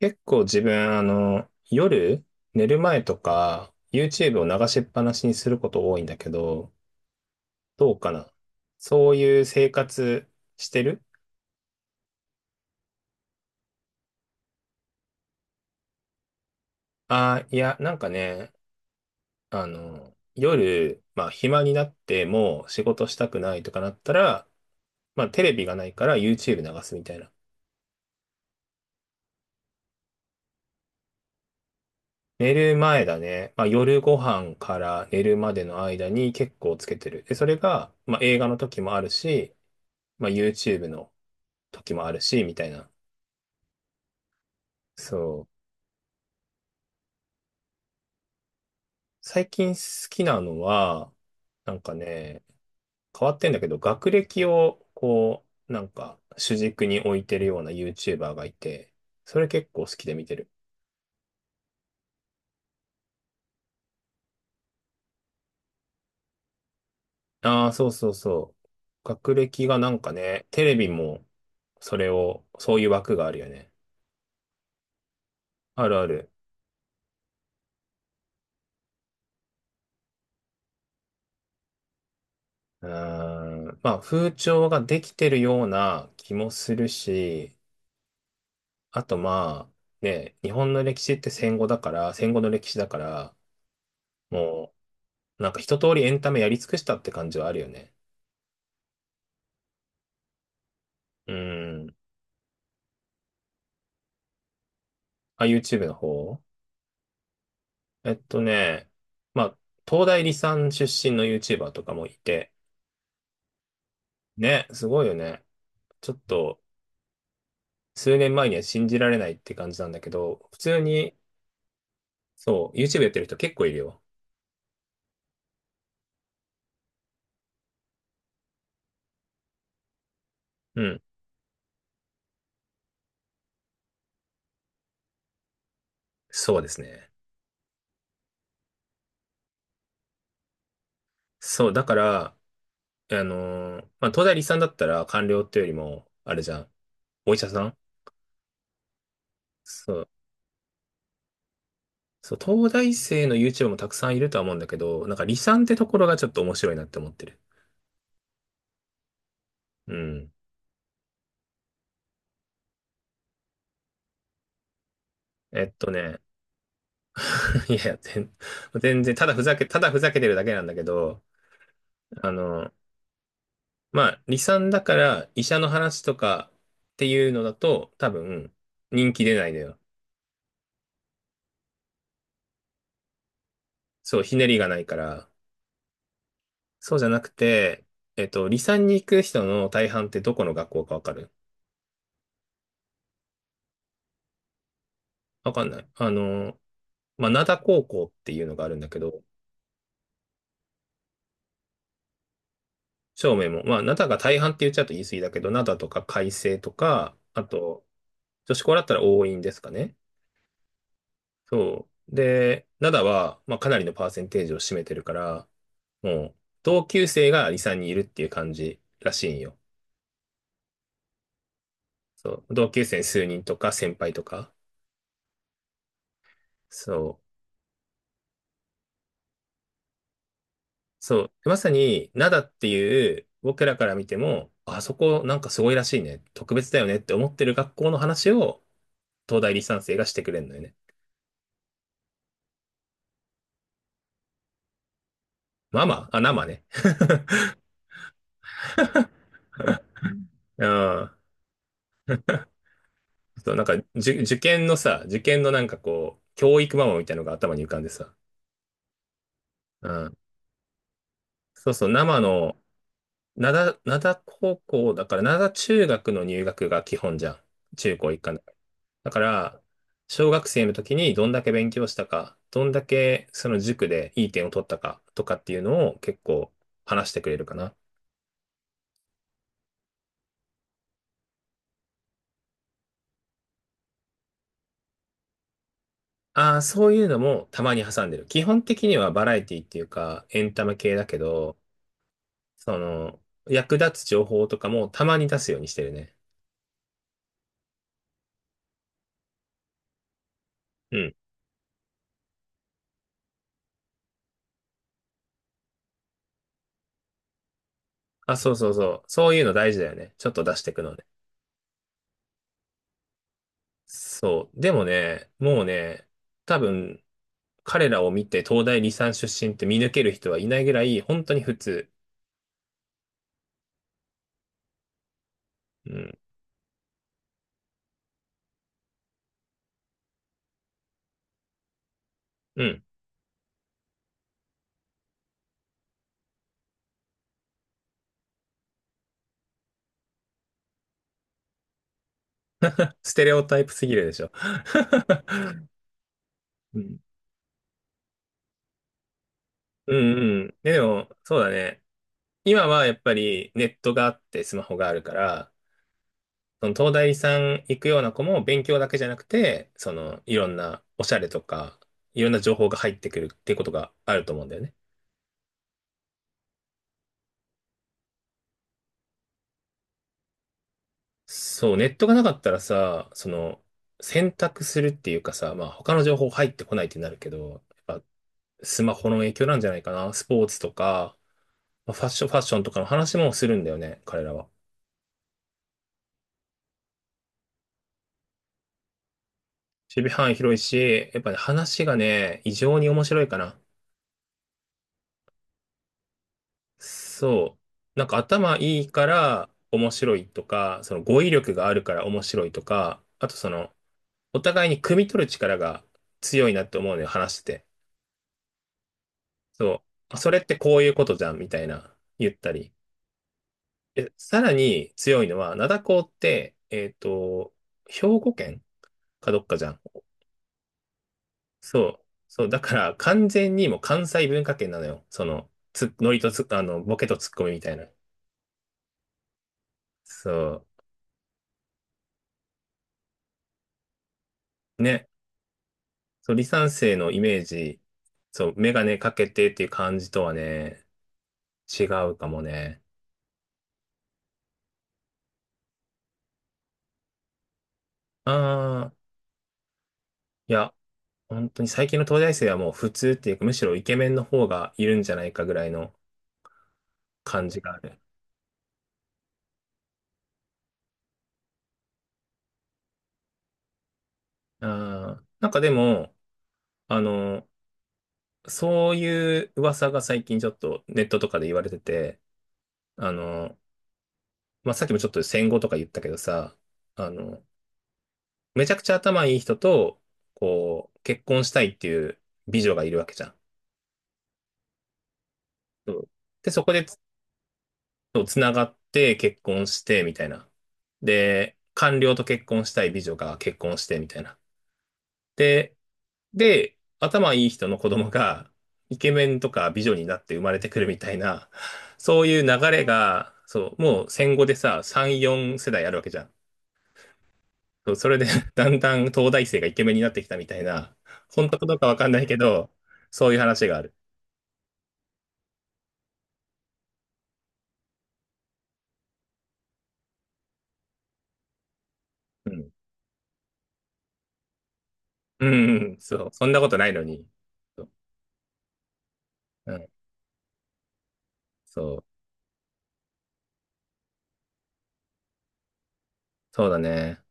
結構自分、夜、寝る前とか、YouTube を流しっぱなしにすること多いんだけど、どうかな？そういう生活してる？あ、いや、なんかね、夜、まあ、暇になってもう仕事したくないとかなったら、まあ、テレビがないから YouTube 流すみたいな。寝る前だね。まあ、夜ご飯から寝るまでの間に結構つけてる。で、それが、まあ、映画の時もあるし、まあ、YouTube の時もあるし、みたいな。そう。最近好きなのは、なんかね、変わってんだけど、学歴を、こう、なんか、主軸に置いてるような YouTuber がいて、それ結構好きで見てる。ああ、そうそうそう。学歴がなんかね、テレビも、それを、そういう枠があるよね。あるある。うーん。まあ、風潮ができてるような気もするし、あとまあ、ね、日本の歴史って戦後だから、戦後の歴史だから、もう、なんか一通りエンタメやり尽くしたって感じはあるよね。うん。あ、YouTube の方？えっとね、まあ、東大理三出身の YouTuber とかもいて、ね、すごいよね。ちょっと、数年前には信じられないって感じなんだけど、普通に、そう、YouTube やってる人結構いるよ。うん。そうですね。そう、だから、東大理三だったら官僚っていうよりも、あれじゃん、お医者さん。そうそう、東大生の YouTube もたくさんいるとは思うんだけど、なんか離散ってところがちょっと面白いなって思ってる。うん。えっとね、いやいや、全然、ただふざけてるだけなんだけど、あの、まあ、離散だから医者の話とかっていうのだと、多分、人気出ないのよ。そう、ひねりがないから。そうじゃなくて、離散に行く人の大半ってどこの学校かわかる？わかんない。まあ、灘高校っていうのがあるんだけど、照明も、まあ、灘が大半って言っちゃうと言い過ぎだけど、灘とか海星とか、あと、女子校だったら桜蔭ですかね。そう。で、灘は、まあ、かなりのパーセンテージを占めてるから、もう、同級生がサンにんいるっていう感じらしいんよ。そう。同級生数人とか、先輩とか。そう。そう。まさに、灘っていう、僕らから見ても、あそこなんかすごいらしいね。特別だよねって思ってる学校の話を、東大理三生がしてくれるのよね。ママあ、生ね。ああ、そう、なんか、受験のさ、受験のなんかこう、教育ママみたいなのが頭に浮かんでさ。うん。そうそう、生の、灘高校だから、灘中学の入学が基本じゃん。中高一貫だから。だから、小学生の時にどんだけ勉強したか、どんだけその塾でいい点を取ったかとかっていうのを結構話してくれるかな。ああ、そういうのもたまに挟んでる。基本的にはバラエティっていうか、エンタメ系だけど、その、役立つ情報とかもたまに出すようにしてるね。うん。あ、そうそうそう。そういうの大事だよね。ちょっと出していくのね。そう。でもね、もうね、多分、彼らを見て東大理三出身って見抜ける人はいないぐらい、本当に普通。うん。うん。ステレオタイプすぎるでしょ。うん。うんうん。でも、そうだね。今はやっぱりネットがあってスマホがあるから、その東大さん行くような子も勉強だけじゃなくて、そのいろんなおしゃれとか、いろんな情報が入ってくるっていうことがあると思うんだよね。そう、ネットがなかったらさ、その選択するっていうかさ、まあ他の情報入ってこないってなるけど、やっぱスマホの影響なんじゃないかな。スポーツとか、まあファッションとかの話もするんだよね、彼らは。守備範囲広いし、やっぱね、話がね、異常に面白いかな。そう。なんか頭いいから面白いとか、その語彙力があるから面白いとか、あとその、お互いに汲み取る力が強いなって思うのよ、話してて。そう。あそれってこういうことじゃん、みたいな、言ったり。え、さらに強いのは、灘高って、兵庫県かどっかじゃん。そう。そう。だから完全にもう関西文化圏なのよ。その、つ、ノリとつ、あの、ボケとツッコミみたいな。そう。ね。そう、離散生のイメージ、そう、メガネかけてっていう感じとはね、違うかもね。ああ、いや、本当に最近の東大生はもう普通っていうか、むしろイケメンの方がいるんじゃないかぐらいの感じがある。ああ、なんかでも、あの、そういう噂が最近ちょっとネットとかで言われてて、あの、まあ、さっきもちょっと戦後とか言ったけどさ、あの、めちゃくちゃ頭いい人と、こう、結婚したいっていう美女がいるわけじゃん。そうで、そこでつながって結婚して、みたいな。で、官僚と結婚したい美女が結婚して、みたいな。で、で、頭いい人の子供がイケメンとか美女になって生まれてくるみたいな、そういう流れが、そう、もう戦後でさ、3、4世代あるわけじゃん。そうそれで だんだん東大生がイケメンになってきたみたいな、本当かどうかわかんないけど、そういう話がある。うん。うん、うん、そう。そんなことないのに。そう。うん。そう。そうだね。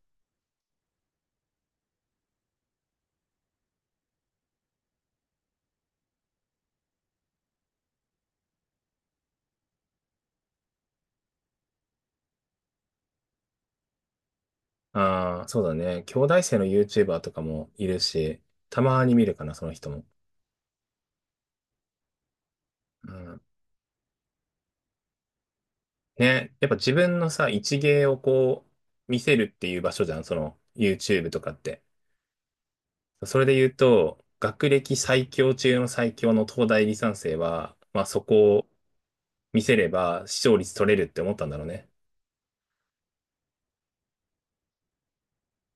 ああ、そうだね。兄弟生の YouTuber とかもいるし、たまに見るかな、その人も。うん。ね、やっぱ自分のさ、一芸をこう、見せるっていう場所じゃん、その YouTube とかって。それで言うと、学歴最強中の最強の東大理三生は、まあそこを見せれば視聴率取れるって思ったんだろうね。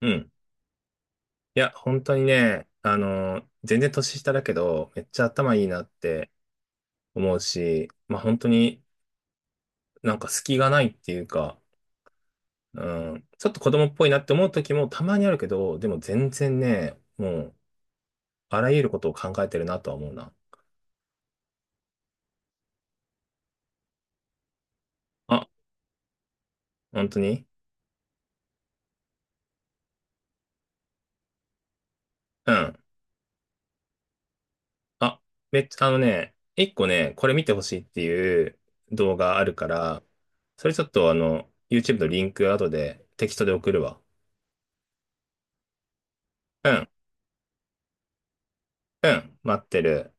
うん。いや、本当にね、全然年下だけど、めっちゃ頭いいなって思うし、まあ本当になんか隙がないっていうか、うん、ちょっと子供っぽいなって思う時もたまにあるけど、でも全然ね、もう、あらゆることを考えてるなとは思うな。あ、本当に？うん。あ、めっちゃ、あのね、一個ね、これ見てほしいっていう動画あるから、それちょっとあの、YouTube のリンク後でテキストで送るわ。うん、うん、待ってる。